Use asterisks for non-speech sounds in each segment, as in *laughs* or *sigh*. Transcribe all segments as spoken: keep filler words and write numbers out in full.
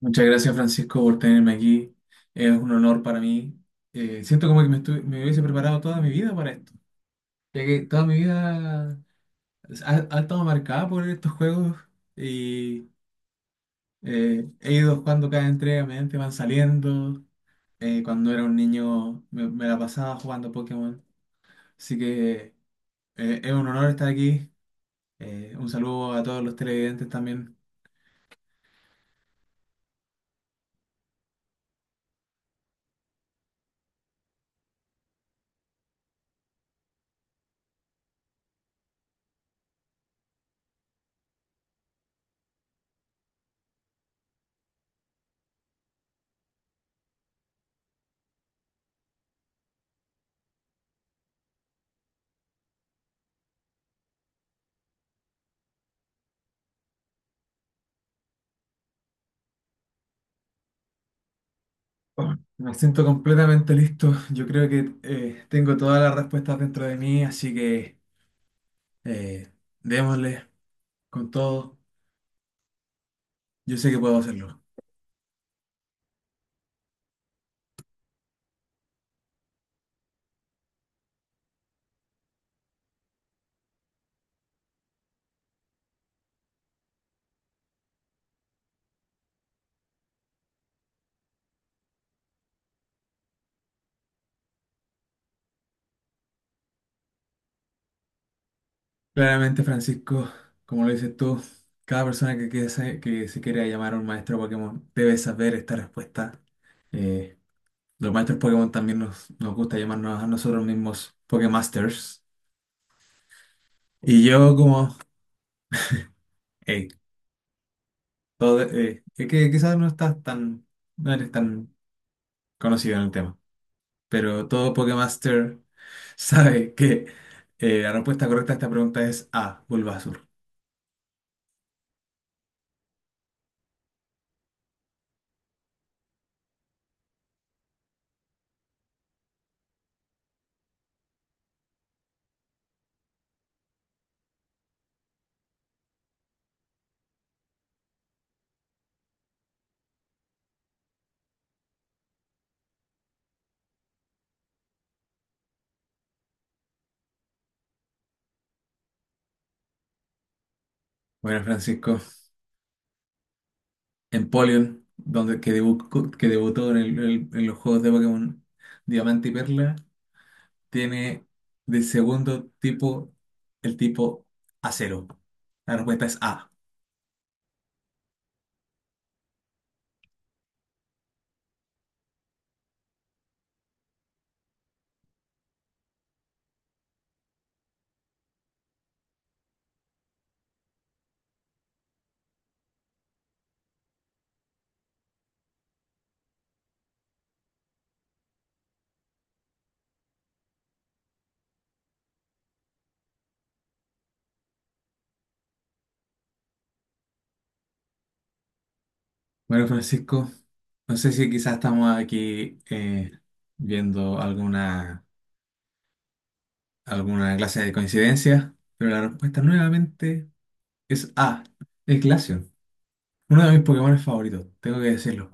Muchas gracias, Francisco, por tenerme aquí. Es un honor para mí. Eh, siento como que me, estu- me hubiese preparado toda mi vida para esto, ya que toda mi vida ha, ha estado marcada por estos juegos y eh, he ido jugando cada entrega, mediante van saliendo. Eh, cuando era un niño me, me la pasaba jugando Pokémon. Así que eh, es un honor estar aquí. Eh, un saludo a todos los televidentes también. Oh, me siento completamente listo. Yo creo que eh, tengo todas las respuestas dentro de mí, así que eh, démosle con todo. Yo sé que puedo hacerlo. Claramente, Francisco, como lo dices tú, cada persona que, que se, que se quiera llamar a un maestro Pokémon debe saber esta respuesta. Eh, los maestros Pokémon también nos, nos gusta llamarnos a nosotros mismos Pokémasters. Y yo como, hey, todo, eh, que, que quizás no estás tan, no eres tan conocido en el tema. Pero todo Pokémaster *laughs* sabe que eh, la respuesta correcta a esta pregunta es A, Bulbasaur. Bueno, Francisco, Empoleon, donde, que, debu- que debutó en, el- el- en los juegos de Pokémon Diamante y Perla, tiene de segundo tipo el tipo acero. La respuesta es A. Bueno, Francisco, no sé si quizás estamos aquí eh, viendo alguna, alguna clase de coincidencia, pero la respuesta nuevamente es A, el Glaceon, uno de mis Pokémon favoritos, tengo que decirlo.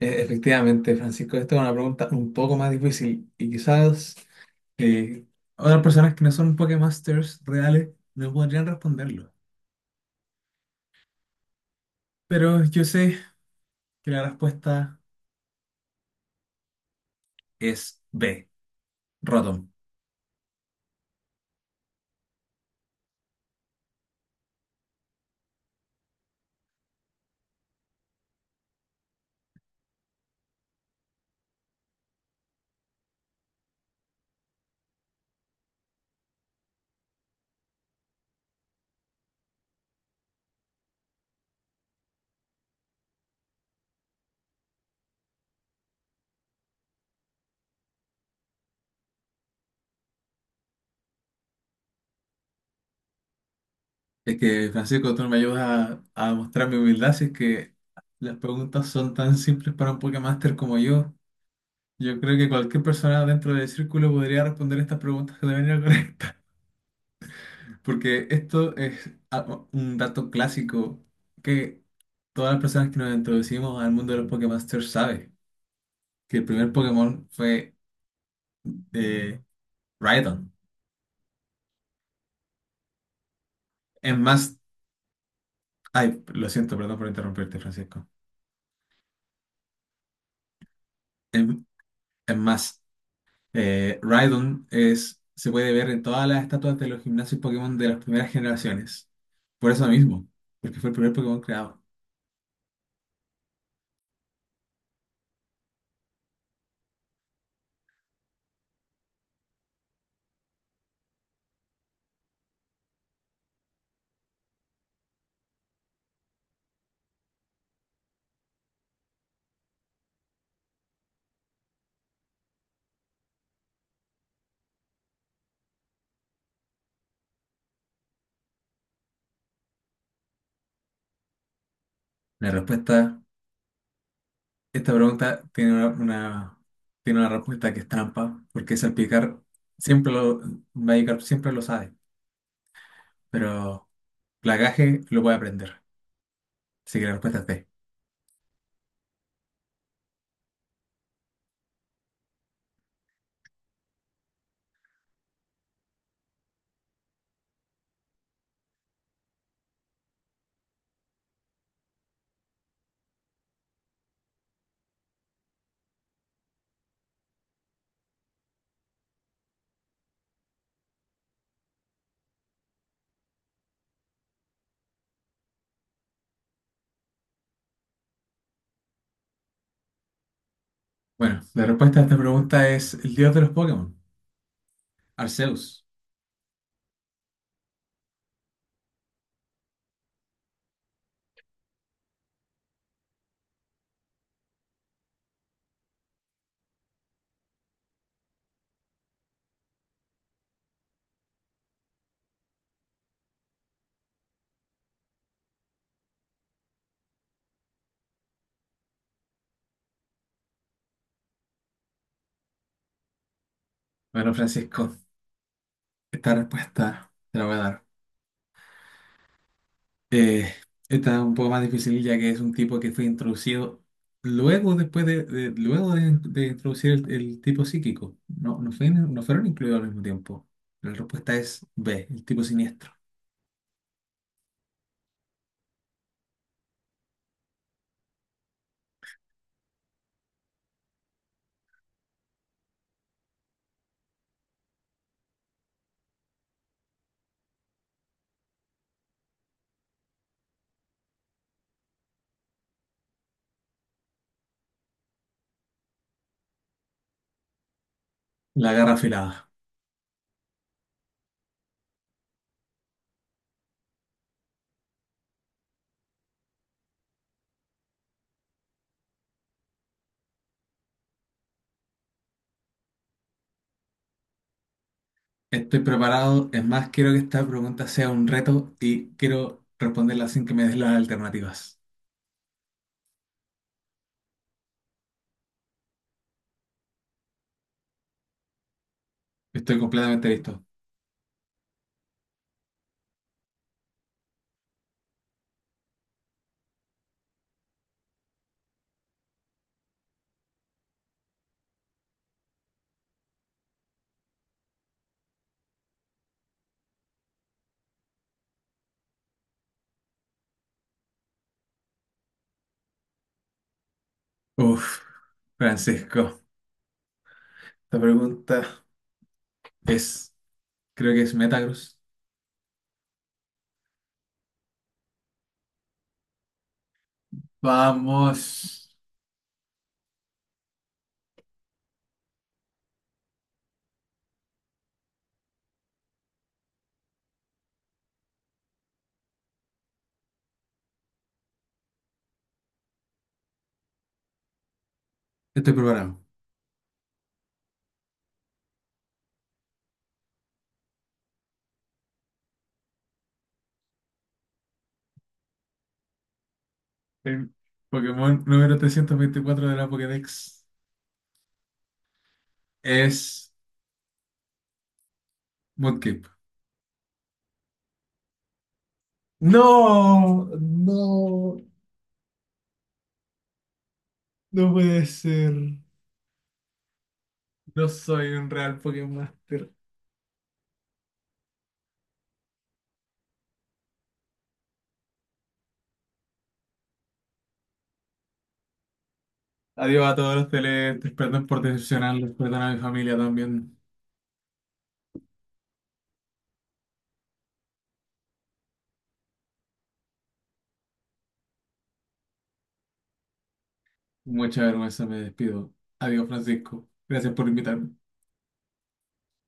E- efectivamente, Francisco, esta es una pregunta un poco más difícil y quizás eh, otras personas que no son Pokémasters reales no podrían responderlo. Pero yo sé que la respuesta es B, Rotom. Es que, Francisco, tú me ayudas a, a mostrar mi humildad si es que las preguntas son tan simples para un Pokémaster como yo. Yo creo que cualquier persona dentro del círculo podría responder estas preguntas que te venía. Porque esto es a- un dato clásico que todas las personas que nos introducimos al mundo de los Pokémasters saben, que el primer Pokémon fue eh, Rhydon. Es más, ay, lo siento, perdón por interrumpirte, Francisco. Es, es más, eh, Rhydon es, se puede ver en todas las estatuas de los gimnasios Pokémon de las primeras generaciones. Por eso mismo, porque fue el primer Pokémon creado. La respuesta Esta pregunta tiene una, una- tiene una respuesta que es trampa, porque salpicar siempre lo, Magikarp siempre lo sabe, pero Plagaje lo puede aprender. Así que la respuesta es D. Bueno, la respuesta a esta pregunta es el dios de los Pokémon, Arceus. Bueno, Francisco, esta respuesta te la voy a dar. Eh, esta es un poco más difícil ya que es un tipo que fue introducido luego después de, de- luego de, de introducir el, el tipo psíquico. No, no, fue- no fueron incluidos al mismo tiempo. La respuesta es B, el tipo siniestro. La garra afilada. Estoy preparado. Es más, quiero que esta pregunta sea un reto y quiero responderla sin que me des las alternativas. Estoy completamente listo. Uf, Francisco, esta pregunta es, creo que es Metagross. Vamos. Estoy preparado. El Pokémon número trescientos veinticuatro de la Pokédex es Mudkip. No, no, no puede ser. No soy un real Pokémon Master. Adiós a todos los televidentes. Perdón por decepcionarlos. Perdón a mi familia también. Mucha vergüenza, me despido. Adiós, Francisco. Gracias por invitarme.